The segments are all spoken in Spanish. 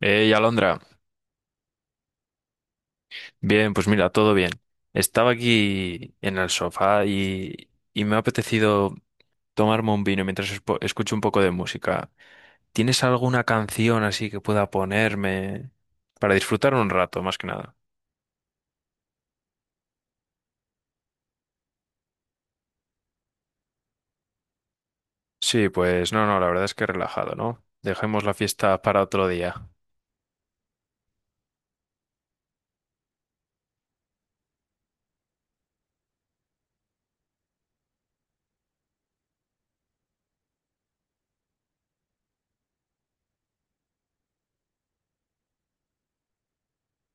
Hey, Alondra. Bien, pues mira, todo bien. Estaba aquí en el sofá y me ha apetecido tomarme un vino mientras escucho un poco de música. ¿Tienes alguna canción así que pueda ponerme para disfrutar un rato, más que nada? Sí, pues no, no, la verdad es que relajado, ¿no? Dejemos la fiesta para otro día.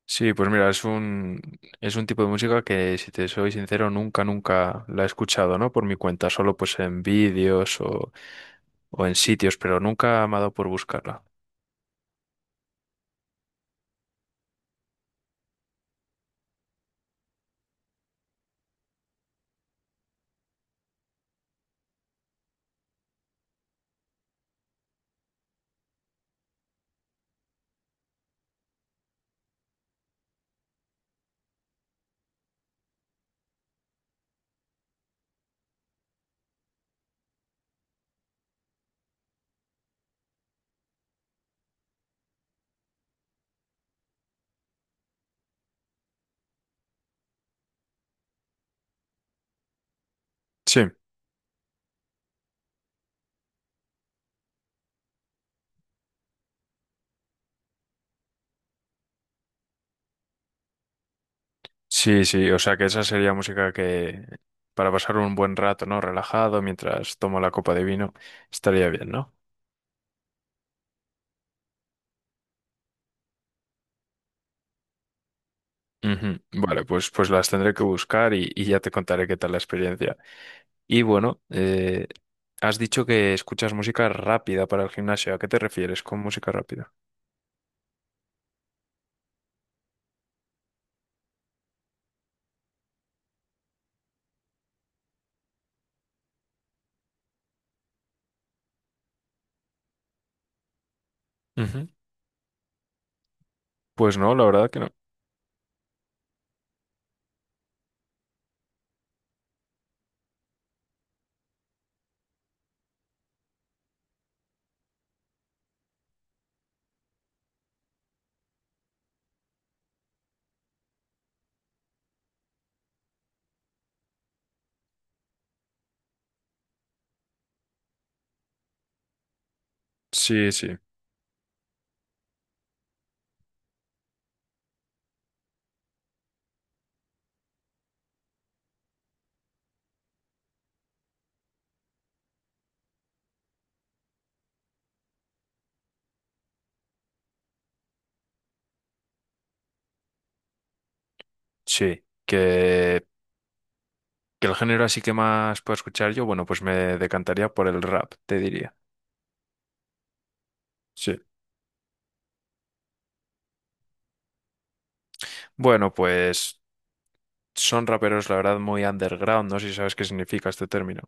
Sí, pues mira, es un tipo de música que, si te soy sincero, nunca, nunca la he escuchado, ¿no? Por mi cuenta, solo pues en vídeos o en sitios, pero nunca me ha dado por buscarla. Sí, sí, sí, o sea que esa sería música que para pasar un buen rato, ¿no? Relajado mientras tomo la copa de vino, estaría bien, ¿no? Ujú. Vale, pues, pues las tendré que buscar y ya te contaré qué tal la experiencia. Y bueno, has dicho que escuchas música rápida para el gimnasio. ¿A qué te refieres con música rápida? Ujú. Pues no, la verdad que no. Sí, sí, sí. Que el género así que más puedo escuchar yo, bueno, pues me decantaría por el rap, te diría. Sí. Bueno, pues son raperos, la verdad, muy underground. No sé si sabes qué significa este término.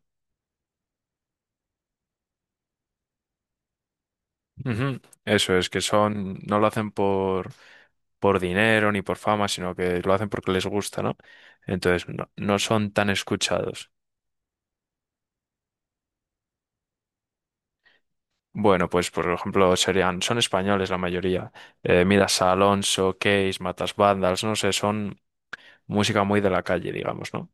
Ujú. Eso es, que son, no lo hacen por dinero ni por fama, sino que lo hacen porque les gusta, ¿no? Entonces, no, no son tan escuchados. Bueno, pues por ejemplo, serían, son españoles la mayoría. Midas Alonso, Case, Matas Vandals, no sé, son música muy de la calle, digamos, ¿no?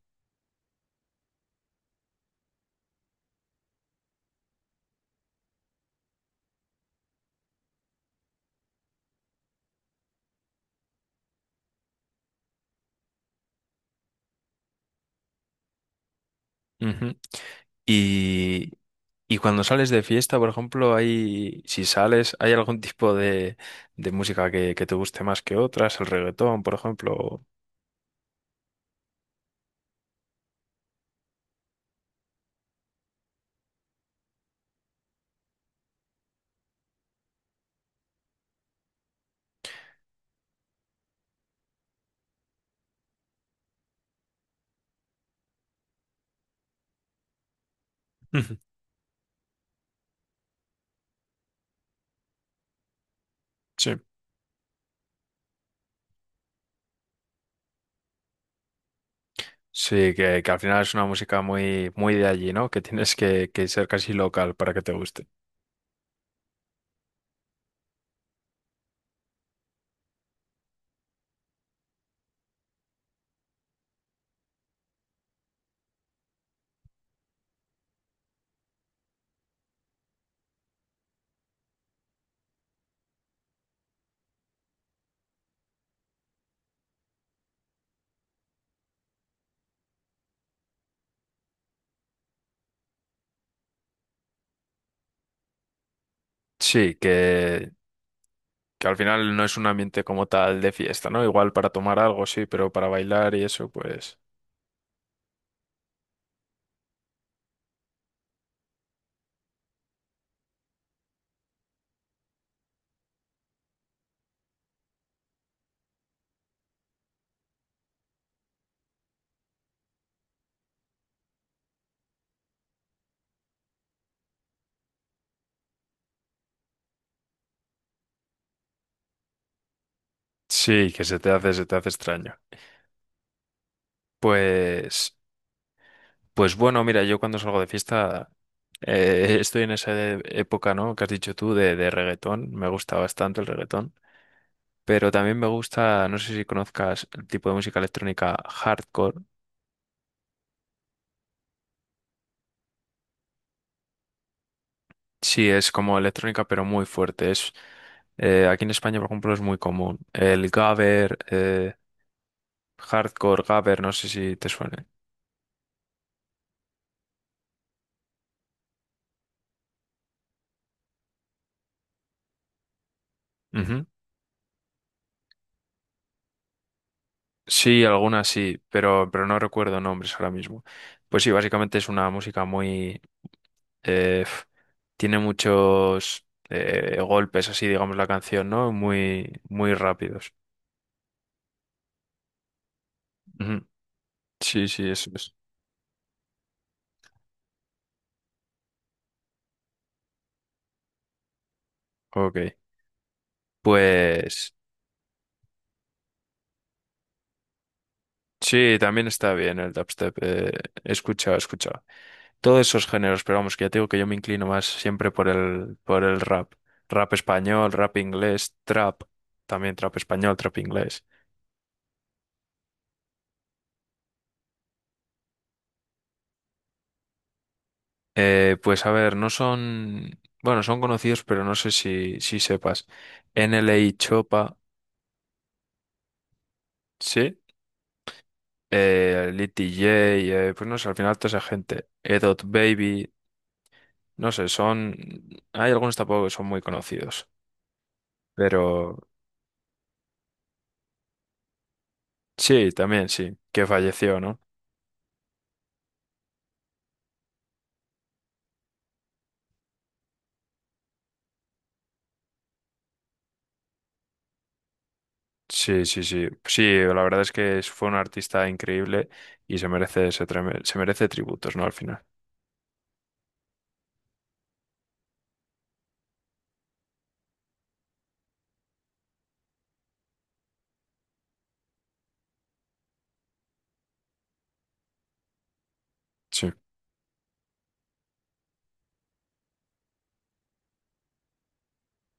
Ujú. Y, y cuando sales de fiesta, por ejemplo, hay, si sales, ¿hay algún tipo de música que te guste más que otras? El reggaetón, por ejemplo. Ujú, sí. Sí, que al final es una música muy, muy de allí, ¿no? Que tienes que ser casi local para que te guste. Sí, que al final no es un ambiente como tal de fiesta, ¿no? Igual para tomar algo, sí, pero para bailar y eso, pues sí, que se te hace extraño. Pues pues bueno, mira, yo cuando salgo de fiesta estoy en esa época, ¿no? Que has dicho tú de reggaetón. Me gusta bastante el reggaetón. Pero también me gusta, no sé si conozcas el tipo de música electrónica hardcore. Sí, es como electrónica, pero muy fuerte. Es, aquí en España, por ejemplo, es muy común. El gabber, hardcore gabber, no sé si te suene. Ujú. Sí, algunas sí, pero no recuerdo nombres ahora mismo. Pues sí, básicamente es una música muy… Eh, f- tiene muchos golpes, así digamos la canción, ¿no? Muy, muy rápidos. Ujú. Sí, sí, eso es. Ok. Pues sí, también está bien el dubstep. He escuchado, he escuchado. Todos esos géneros, pero vamos, que ya te digo que yo me inclino más siempre por el rap. Rap español, rap inglés, trap. También trap español, trap inglés. Pues a ver, no son… Bueno, son conocidos, pero no sé si, si sepas. NLA Chopa, ¿sí? Lit DJ, pues no sé, al final toda esa gente, Edot Baby, no sé, son… Hay algunos tampoco que son muy conocidos, pero sí, también sí, que falleció, ¿no? Sí, sí, sí. Sí, la verdad es que fue un artista increíble y se merece, ese se merece tributos, ¿no? Al final. Sí.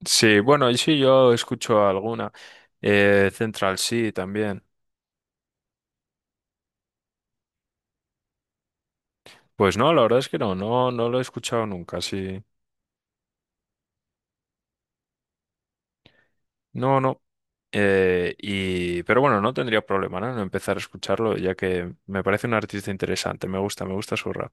Sí, bueno, y sí, yo escucho alguna. Central sí, también. Pues no, la verdad es que no, no, no lo he escuchado nunca, sí. No, no. Pero bueno, no tendría problema, ¿no? en empezar a escucharlo, ya que me parece un artista interesante. Me gusta su rap.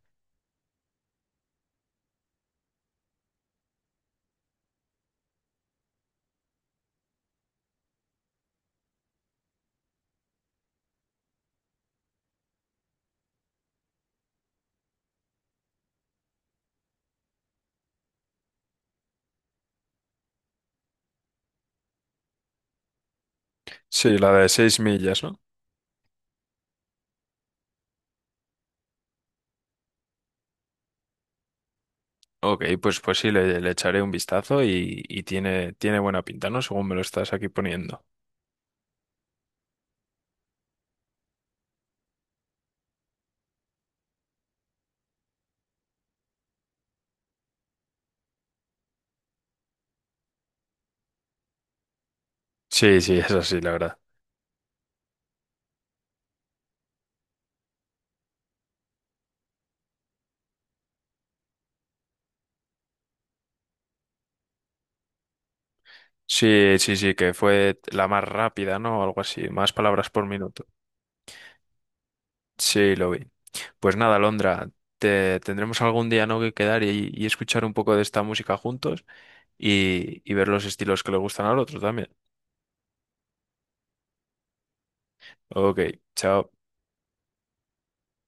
Sí, la de seis millas, ¿no? Ok, pues, pues sí, le echaré un vistazo y tiene, tiene buena pinta, ¿no? Según me lo estás aquí poniendo. Sí, sí, es así, la verdad. Sí, sí, sí, que fue la más rápida, ¿no? O algo así, más palabras por minuto. Sí, lo vi. Pues nada, Londra, te, tendremos algún día, ¿no? que quedar y escuchar un poco de esta música juntos. Y, y ver los estilos que le gustan al otro también. Ok, chao.